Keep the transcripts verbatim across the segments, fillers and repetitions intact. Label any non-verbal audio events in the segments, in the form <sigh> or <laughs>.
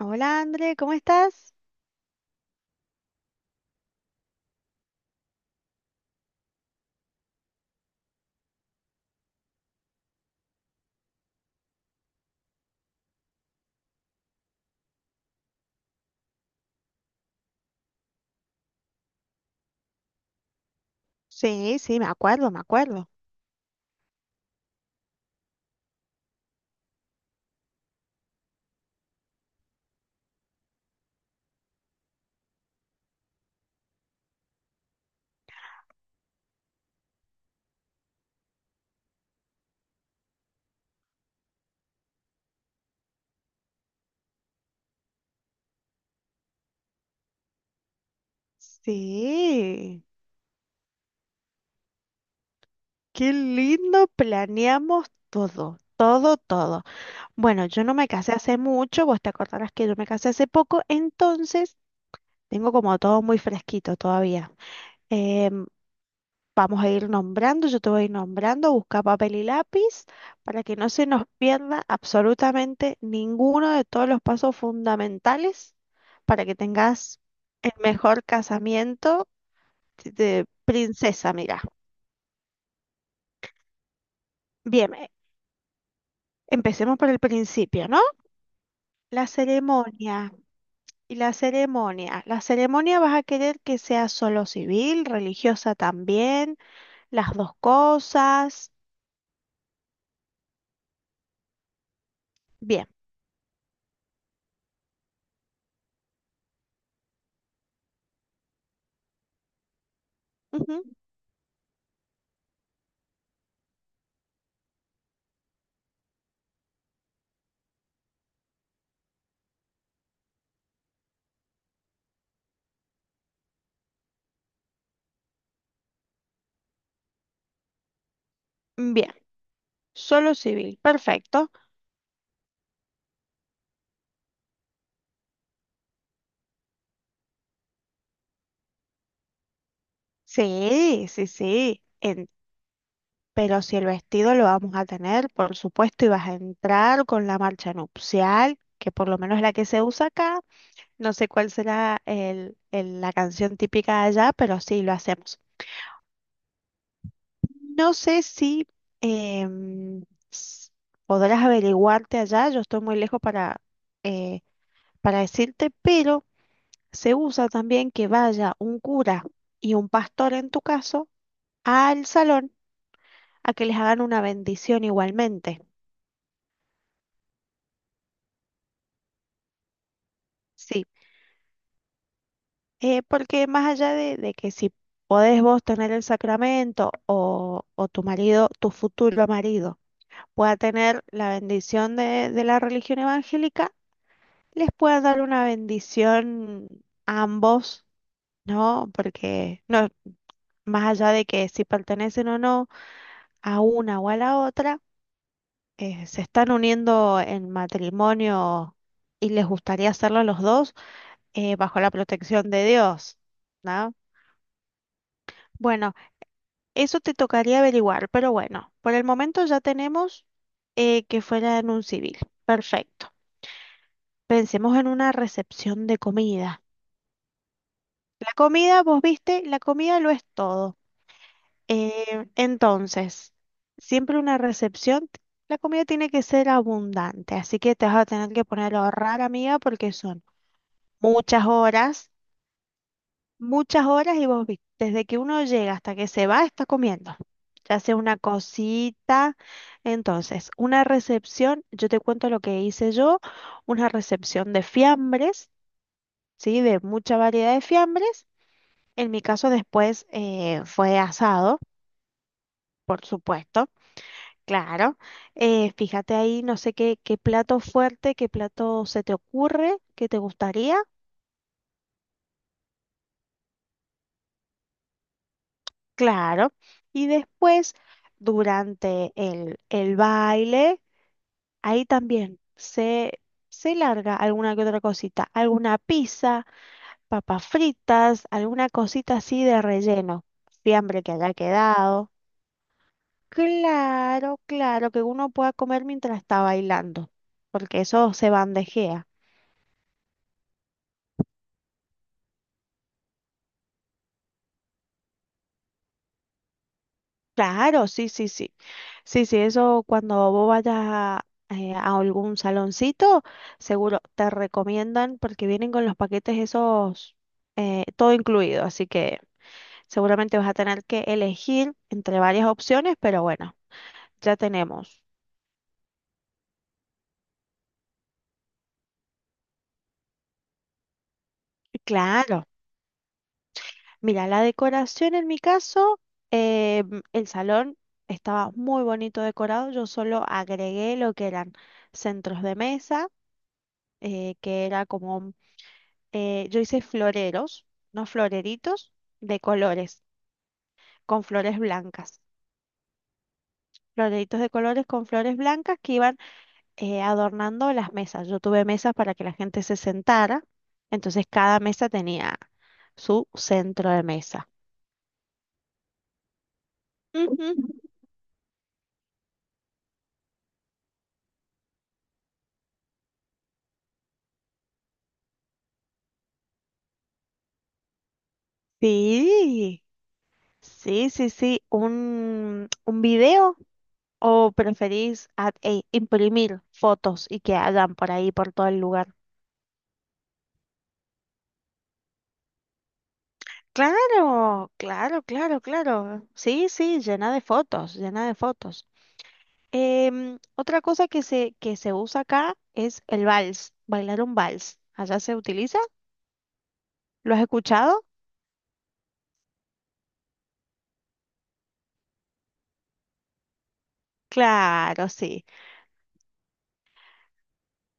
Hola, André, ¿cómo estás? Sí, sí, me acuerdo, me acuerdo. Sí, qué lindo, planeamos todo, todo, todo. Bueno, yo no me casé hace mucho, vos te acordarás que yo me casé hace poco, entonces tengo como todo muy fresquito todavía. Em, Vamos a ir nombrando, yo te voy a ir nombrando, busca papel y lápiz para que no se nos pierda absolutamente ninguno de todos los pasos fundamentales para que tengas el mejor casamiento de princesa, mira. Bien, eh, Empecemos por el principio, ¿no? La ceremonia. Y la ceremonia. La ceremonia vas a querer que sea solo civil, religiosa también, las dos cosas. Bien. Ujú. Bien. Solo civil. Perfecto. Sí, sí, sí. En- pero si el vestido lo vamos a tener, por supuesto, y vas a entrar con la marcha nupcial, que por lo menos es la que se usa acá. No sé cuál será el, el- la canción típica de allá, pero sí, lo hacemos. No sé si em, s- podrás averiguarte allá, yo estoy muy lejos para, eh, para decirte, pero se usa también que vaya un cura y un pastor en tu caso al salón a que les hagan una bendición igualmente. Sí, eh, porque más allá de, de que si podés vos tener el sacramento o, o tu marido, tu futuro marido, pueda tener la bendición de, de la religión evangélica, les pueda dar una bendición a ambos, ¿no? Porque no, más allá de que si pertenecen o no a una o a la otra, eh, se están uniendo en matrimonio y les gustaría hacerlo a los dos eh, bajo la protección de Dios, ¿no? Bueno, eso te tocaría averiguar, pero bueno, por el momento ya tenemos eh, que fuera en un civil. Perfecto. Pensemos en una recepción de comida. La comida, vos viste, la comida lo es todo. Eh, entonces, siempre una recepción, t- la comida tiene que ser abundante, así que te vas a tener que poner a ahorrar, amiga, porque son muchas horas, muchas horas y vos viste, desde que uno llega hasta que se va, está comiendo. Ya sea una cosita. Entonces, una recepción, yo te cuento lo que hice yo, una recepción de fiambres, ¿sí? De mucha variedad de fiambres. En mi caso después eh, fue asado, supuesto, claro. Eh, fíjate ahí, no sé qué, qué plato fuerte, qué plato se te ocurre, qué te gustaría, claro. Y después, durante el el baile. Ahí también se, se larga alguna que otra cosita, alguna pizza, papas fritas, alguna cosita así de relleno, fiambre que haya quedado. Claro, claro, que uno pueda comer mientras está bailando, porque eso se bandejea. Claro, sí, sí, sí. Sí, sí, eso cuando vos vayas a, eh, a algún saloncito, seguro te recomiendan porque vienen con los paquetes esos, eh, todo incluido, así que... Seguramente vas a tener que elegir entre varias opciones, pero bueno, ya tenemos. Claro, mira, la decoración en mi caso, eh, el salón estaba muy bonito decorado. Yo solo agregué lo que eran centros de mesa, eh, que era como, eh, yo hice floreros, no floreritos de colores, con flores blancas. Floreritos de colores con flores blancas que iban eh, adornando las mesas. Yo tuve mesas para que la gente se sentara, entonces cada mesa tenía su centro de mesa. Ujú. Sí, sí, sí, sí. ¿Un, un video o preferís a- eh, imprimir fotos y que hagan por ahí, por todo el lugar? Claro, claro, claro, claro. Sí, sí, llena de fotos, llena de fotos. Em, otra cosa que se, que se usa acá es el vals, bailar un vals. ¿Allá se utiliza? ¿Lo has escuchado? Claro, sí.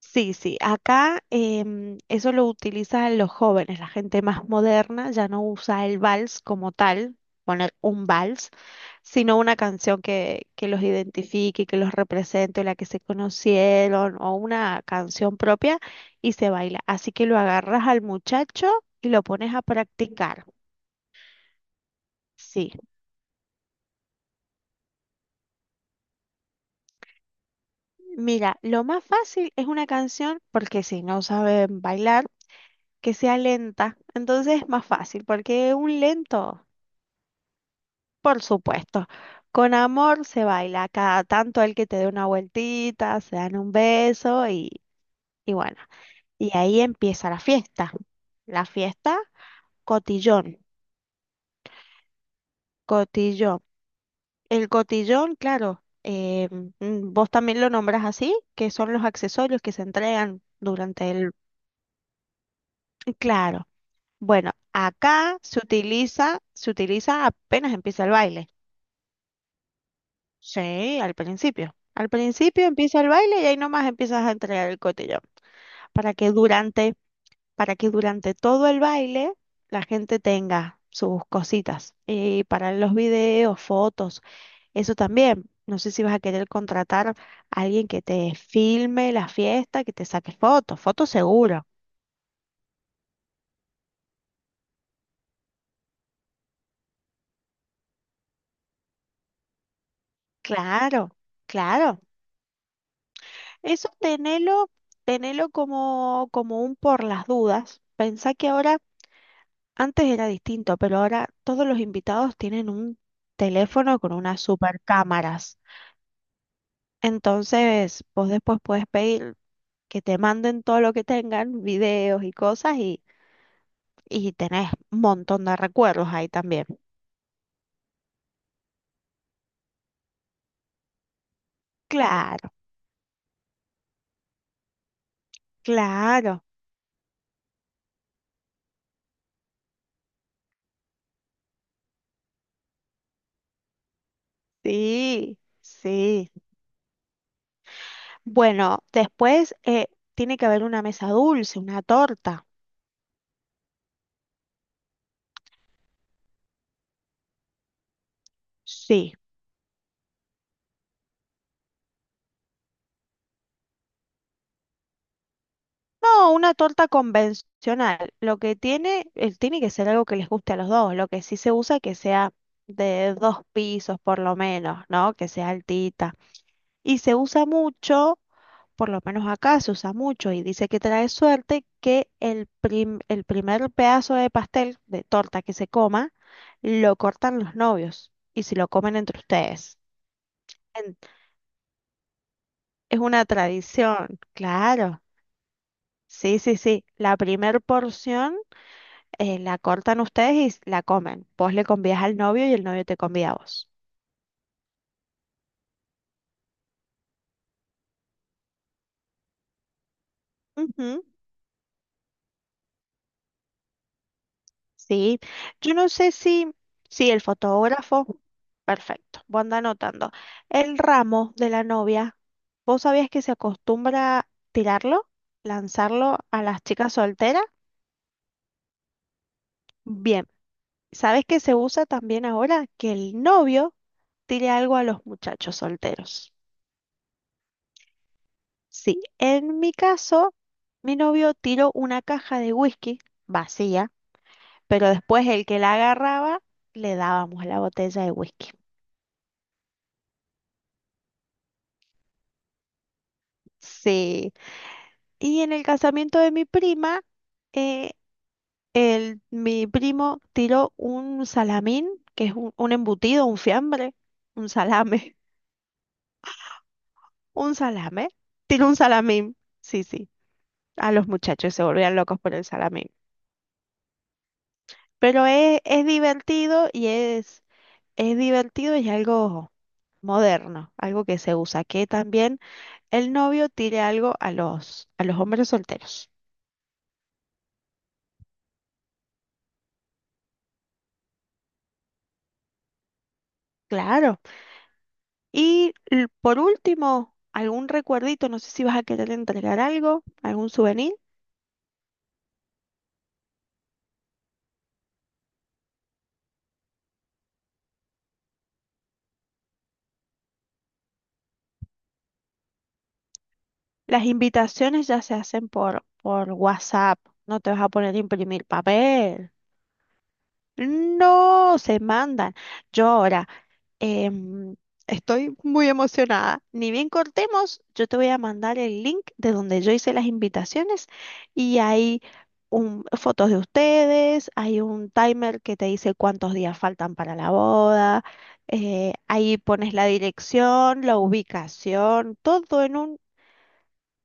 Sí, sí. Acá em, eso lo utilizan los jóvenes, la gente más moderna ya no usa el vals como tal, poner un vals, sino una canción que, que los identifique, que los represente, la que se conocieron o una canción propia y se baila. Así que lo agarras al muchacho y lo pones a practicar. Sí. Mira, lo más fácil es una canción, porque si no saben bailar, que sea lenta. Entonces es más fácil, porque un lento, por supuesto. Con amor se baila, cada tanto el que te dé una vueltita, se dan un beso y, y bueno. Y ahí empieza la fiesta. La fiesta, cotillón, cotillón. El cotillón, claro, eh, mm, vos también lo nombras así, que son los accesorios que se entregan durante el... Claro. Bueno, acá se utiliza, se utiliza apenas empieza el baile. Sí, al principio. Al principio empieza el baile y ahí nomás empiezas a entregar el cotillón. Para que durante, para que durante todo el baile la gente tenga sus cositas. Y para los videos, fotos, eso también. No sé si vas a querer contratar a alguien que te filme la fiesta, que te saque fotos, fotos seguro. Claro, claro. Eso tenelo, tenelo como, como un por las dudas. Pensá que ahora, antes era distinto, pero ahora todos los invitados tienen un teléfono con unas super cámaras. Entonces, vos después podés pedir que te manden todo lo que tengan, videos y cosas, y, y tenés un montón de recuerdos ahí también. Claro, claro, sí, sí. Bueno, después eh, tiene que haber una mesa dulce, una torta. Sí. No, una torta convencional. Lo que tiene, eh, tiene que ser algo que les guste a los dos. Lo que sí se usa que sea de dos pisos por lo menos, ¿no? Que sea altita. Y se usa mucho, por lo menos acá se usa mucho y dice que trae suerte que el prim- el primer pedazo de pastel, de torta que se coma, lo cortan los novios y se lo comen entre ustedes. En- Es una tradición, claro. Sí, sí, sí. La primer porción eh, la cortan ustedes y la comen. Vos le convías al novio y el novio te convida a vos. Ujú. Sí, yo no sé si, si el fotógrafo, perfecto, vos anda anotando. El ramo de la novia, ¿vos sabías que se acostumbra tirarlo, lanzarlo a las chicas solteras? Bien, ¿sabes que se usa también ahora? Que el novio tire algo a los muchachos solteros. Sí, en mi caso, mi novio tiró una caja de whisky vacía, pero después el que la agarraba, le dábamos la botella de whisky. Sí. Y en el casamiento de mi prima, eh, el, mi primo tiró un salamín, que es un, un embutido, un fiambre, un salame, <laughs> un salame. Tiró un salamín, sí, sí. A los muchachos se volvían locos por el salamín. Pero es, es divertido y es, es divertido y es algo moderno, algo que se usa, que también el novio tire algo a los, a los hombres solteros. Claro. Y l- por último, algún recuerdito, no sé si vas a querer entregar algo, algún souvenir. Las invitaciones ya se hacen por, por WhatsApp, no te vas a poner a imprimir papel. No, se mandan. Yo ahora Em, estoy muy emocionada. Ni bien cortemos, yo te voy a mandar el link de donde yo hice las invitaciones y hay un- fotos de ustedes, hay un timer que te dice cuántos días faltan para la boda, eh, ahí pones la dirección, la ubicación, todo en un,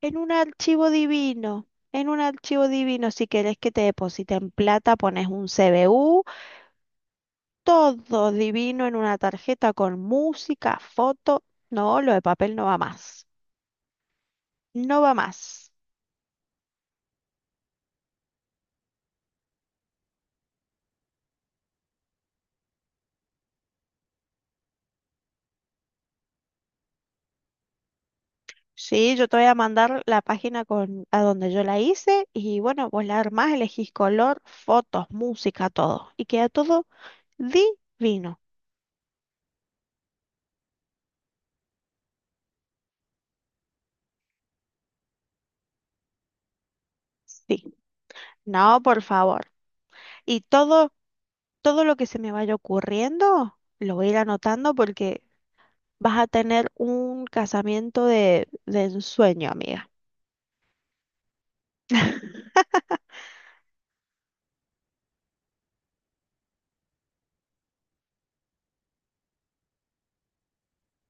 en un archivo divino. En un archivo divino, si querés que te depositen plata, pones un C B U, todo divino en una tarjeta con música, foto. No, lo de papel no va más. No va más. Sí, yo te voy a mandar la página con, a donde yo la hice y bueno, vos la armás, elegís color, fotos, música, todo. Y queda todo divino. Sí. No, por favor. Y todo, todo lo que se me vaya ocurriendo, lo voy a ir anotando porque vas a tener un casamiento de, de ensueño, amiga. <laughs>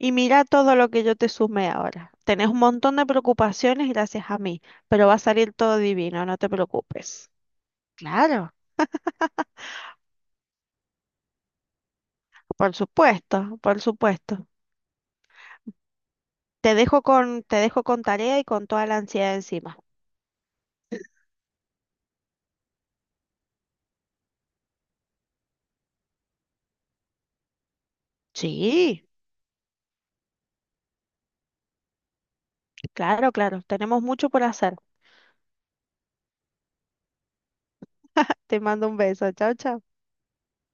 Y mira todo lo que yo te sumé ahora. Tenés un montón de preocupaciones gracias a mí, pero va a salir todo divino, no te preocupes. Claro, por supuesto, por supuesto. Te dejo con, te dejo con tarea y con toda la ansiedad encima. Sí, claro, claro. Tenemos mucho por hacer. Te mando un beso. Chao, chao.